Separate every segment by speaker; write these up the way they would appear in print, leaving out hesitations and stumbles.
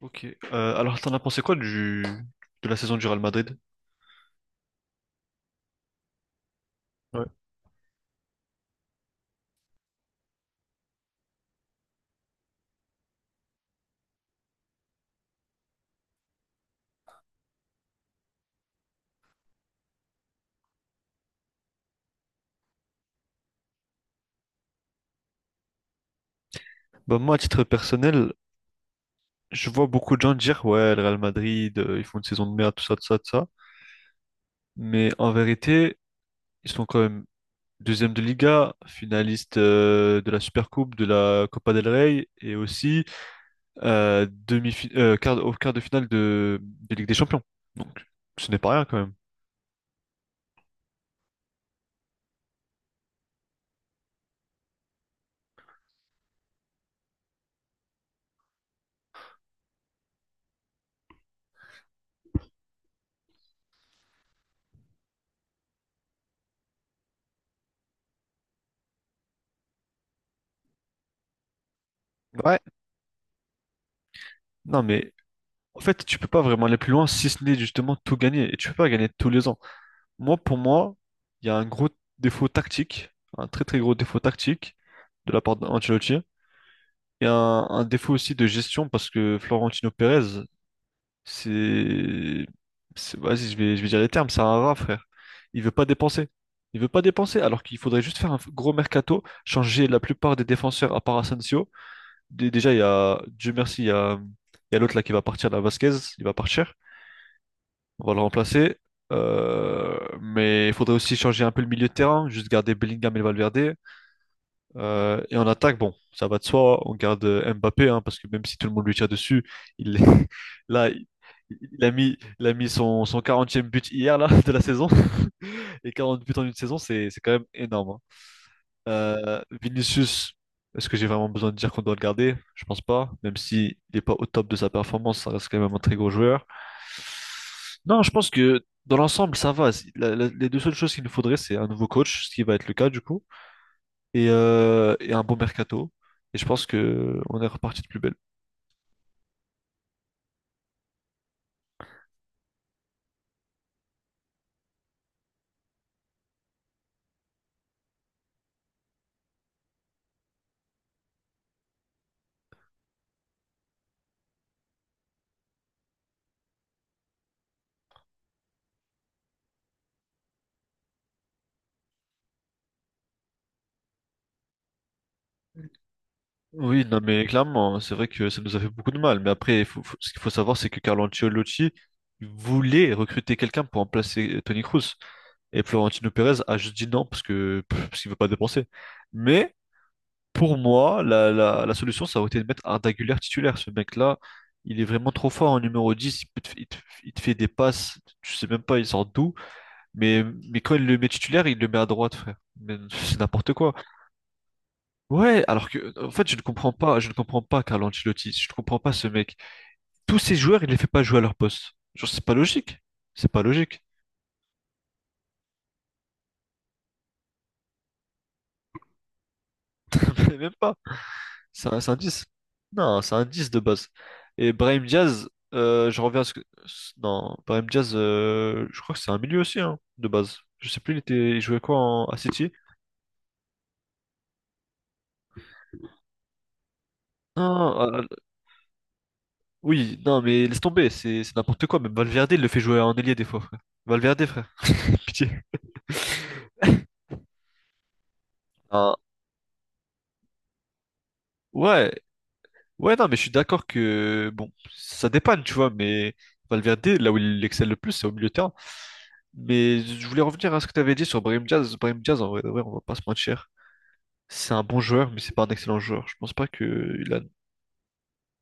Speaker 1: Ok. Alors, t'en as pensé quoi de la saison du Real Madrid? Ouais. Bah, moi, à titre personnel, je vois beaucoup de gens dire, ouais, le Real Madrid, ils font une saison de merde, tout ça, tout ça, tout ça. Mais en vérité, ils sont quand même deuxième de Liga, finaliste de la Supercoupe, de la Copa del Rey, et aussi euh, demi au quart de finale de Ligue des Champions. Donc, ce n'est pas rien quand même. Ouais. Non, mais en fait, tu peux pas vraiment aller plus loin si ce n'est justement tout gagner. Et tu peux pas gagner tous les ans. Moi, pour moi, il y a un gros défaut tactique, un très très gros défaut tactique de la part d'Ancelotti et un défaut aussi de gestion parce que Florentino Pérez, c'est, vas-y, je vais dire les termes, c'est un rat, frère. Il veut pas dépenser. Il veut pas dépenser alors qu'il faudrait juste faire un gros mercato, changer la plupart des défenseurs à part Asensio. Déjà, il y a, Dieu merci, il y a l'autre là qui va partir, la Vasquez, il va partir. On va le remplacer. Mais il faudrait aussi changer un peu le milieu de terrain, juste garder Bellingham et Valverde. Et en attaque, bon, ça va de soi, on garde Mbappé, hein, parce que même si tout le monde lui tire dessus, il là, il a mis son 40e but hier là, de la saison. Et 40 buts en une saison, c'est quand même énorme, hein. Vinicius, est-ce que j'ai vraiment besoin de dire qu'on doit le garder? Je pense pas. Même s'il n'est pas au top de sa performance, ça reste quand même un très gros joueur. Non, je pense que dans l'ensemble, ça va. Les deux seules choses qu'il nous faudrait, c'est un nouveau coach, ce qui va être le cas du coup, et un bon mercato. Et je pense que on est reparti de plus belle. Oui, non, mais clairement, hein, c'est vrai que ça nous a fait beaucoup de mal. Mais après, ce qu'il faut savoir, c'est que Carlo Ancelotti voulait recruter quelqu'un pour remplacer Tony Cruz. Et Florentino Pérez a juste dit non parce qu'il veut pas dépenser. Mais pour moi, la solution, ça aurait été de mettre Arda Güler titulaire. Ce mec-là, il est vraiment trop fort en numéro 10. Il, peut te- il te il te fait des passes, tu sais même pas, il sort d'où. Mais, mais quand il le met titulaire, il le met à droite, frère. Mais c'est n'importe quoi. Ouais, alors que en fait, je ne comprends pas, je ne comprends pas Carlo Ancelotti, je ne comprends pas ce mec. Tous ces joueurs, il ne les fait pas jouer à leur poste. Genre, c'est pas logique. C'est pas logique. Mais même pas. C'est un 10. Non, c'est un 10 de base. Et Brahim Diaz, je reviens à ce que non, Brahim Diaz, je crois que c'est un milieu aussi hein, de base. Je sais plus, il jouait quoi à City? Non, oui, non, mais laisse tomber, c'est n'importe quoi. Même Valverde, il le fait jouer en ailier des fois, frère. Valverde, frère, pitié. Ah, ouais, Ouais, non, mais je suis d'accord que, bon, ça dépanne, tu vois, mais Valverde, là où il excelle le plus, c'est au milieu de terrain. Mais je voulais revenir à ce que tu avais dit sur Brahim Diaz. Brahim Diaz, en vrai, de vrai, on va pas se mentir. C'est un bon joueur, mais c'est pas un excellent joueur. Je pense pas qu'il a,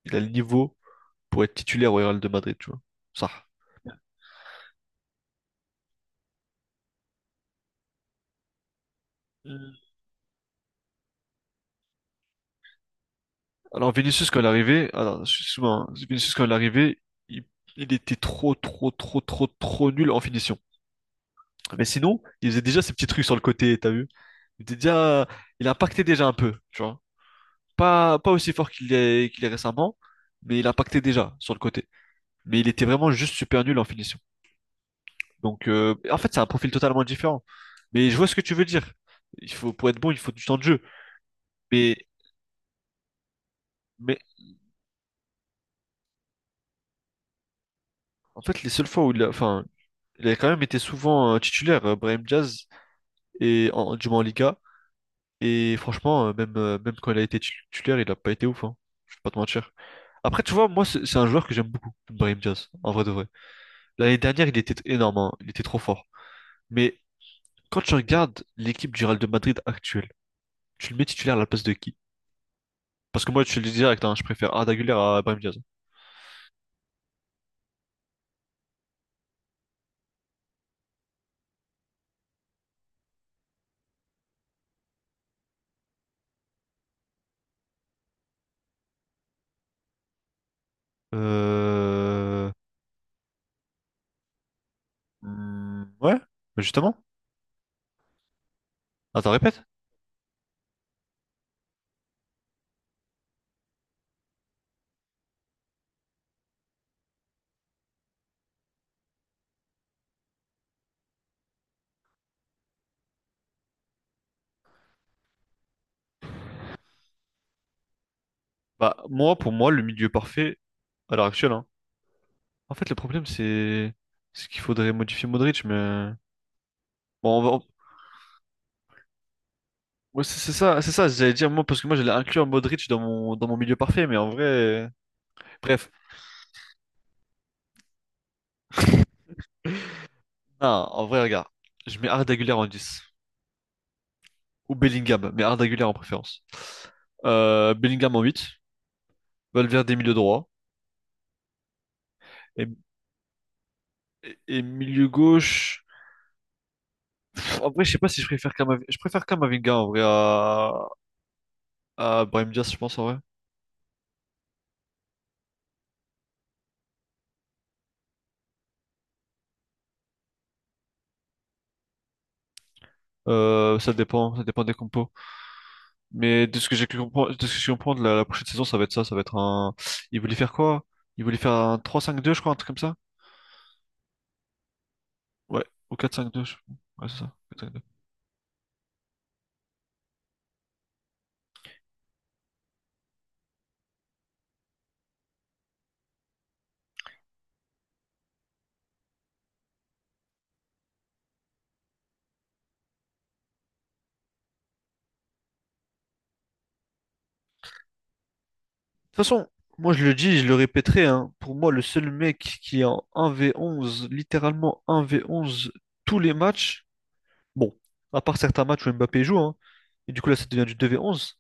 Speaker 1: il a le niveau pour être titulaire au Real de Madrid, tu vois. Ça. Mm. Alors, Vinicius, quand il est arrivé, alors, excuse-moi, hein, Vinicius, quand il est arrivé, il, il était trop, trop, trop, trop, trop nul en finition. Mais sinon, il faisait déjà ses petits trucs sur le côté, t'as vu? Il était déjà, il impactait déjà un peu, tu vois. Pas, pas aussi fort qu'il est récemment, mais il impactait déjà sur le côté. Mais il était vraiment juste super nul en finition. Donc, en fait, c'est un profil totalement différent. Mais je vois ce que tu veux dire. Il faut, pour être bon, il faut du temps de jeu. Mais, mais en fait, les seules fois où enfin, il a quand même été souvent titulaire, Brahim Diaz, du moins en Liga. Et franchement, même quand il a été titulaire, il a pas été ouf, hein. Je vais pas te mentir. Après, tu vois, moi, c'est un joueur que j'aime beaucoup, Brahim Diaz, en vrai de vrai. L'année dernière, il était énorme, hein. Il était trop fort. Mais quand tu regardes l'équipe du Real de Madrid actuelle, tu le mets titulaire à la place de qui? Parce que moi, je te le dis direct, hein, je préfère Arda Güler à Brahim Diaz. Euh... hmm, ouais, bah justement. Attends, répète. Bah, moi, pour moi, le milieu parfait à l'heure actuelle, hein. En fait, le problème, c'est qu'il faudrait modifier Modric, mais... Bon, on va- on- ouais, c'est ça, c'est ça, j'allais dire, moi, parce que moi, j'allais inclure Modric dans mon, milieu parfait, mais en vrai... Bref, non, en vrai, regarde, je mets Arda Güler en dix, ou Bellingham, mais un d'Aguilar en préférence. Bellingham en 8, Valverde milieu droit et, et milieu gauche. En vrai, je sais pas si je préfère Kamavinga. Je préfère Kamavinga en vrai à Brahim Diaz, je pense en vrai. Ça dépend des compos. Mais de ce que j'ai cru comprendre, de ce que j'ai cru comprendre, la prochaine saison, ça va être ça, ça va être un. Il voulait faire quoi? Il voulait faire un 3-5-2, je crois, un truc comme ça? Ouais, ou 4-5-2. Ouais, c'est ça, toute façon, moi je le dis, je le répéterai, hein, pour moi le seul mec qui est en 1v11, littéralement 1v11 tous les matchs, bon, à part certains matchs où Mbappé joue, hein, et du coup là ça devient du 2v11,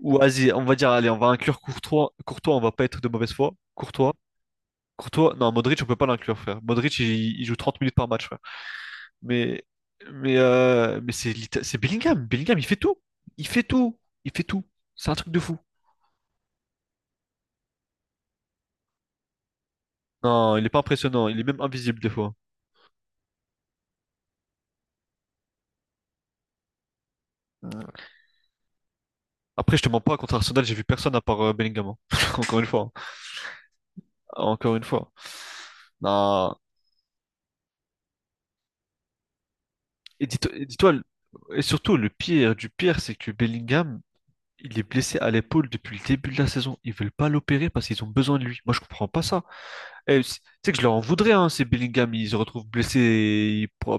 Speaker 1: ou vas-y, on va dire, allez, on va inclure Courtois, Courtois, on va pas être de mauvaise foi, Courtois, Courtois, non, Modric on peut pas l'inclure, frère, Modric il joue 30 minutes par match, frère, mais, mais c'est Bellingham, Bellingham il fait tout, il fait tout, il fait tout, c'est un truc de fou. Non, il est pas impressionnant, il est même invisible des fois. Après, je te mens pas, contre Arsenal, j'ai vu personne à part Bellingham, hein. Encore une fois, hein. Encore une fois. Non. Et dis-toi, et surtout, le pire du pire, c'est que Bellingham, il est blessé à l'épaule depuis le début de la saison. Ils veulent pas l'opérer parce qu'ils ont besoin de lui. Moi, je comprends pas ça. Tu sais que je leur en voudrais, hein, si Bellingham, il se retrouve blessé et il pourra...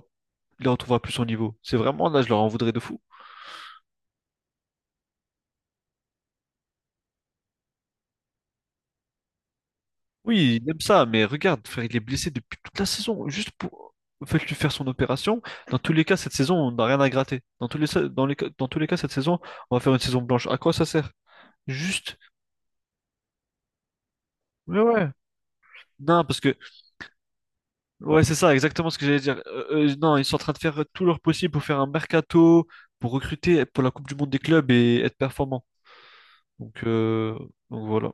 Speaker 1: il ne retrouvera plus son niveau. C'est vraiment là, je leur en voudrais de fou. Oui, il aime ça, mais regarde, frère, il est blessé depuis toute la saison. Juste pour faites-lui faire son opération. Dans tous les cas, cette saison, on n'a rien à gratter. Dans tous les, sa- dans les, ca- dans tous les cas, cette saison, on va faire une saison blanche. À quoi ça sert? Juste. Mais ouais. Non, parce que ouais, c'est ça, exactement ce que j'allais dire. Non, ils sont en train de faire tout leur possible pour faire un mercato, pour recruter pour la Coupe du Monde des clubs et être performant. Donc, euh, donc, voilà.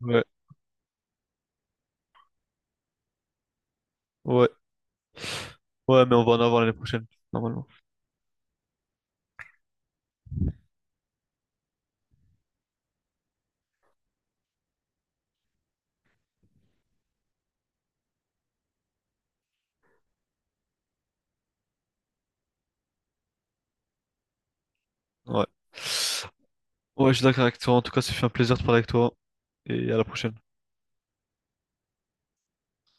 Speaker 1: Ouais, ouais, ouais, mais on va en avoir l'année prochaine, normalement. Ouais. Ouais, je suis d'accord avec toi. En tout cas, ça fait un plaisir de parler avec toi. Et à la prochaine.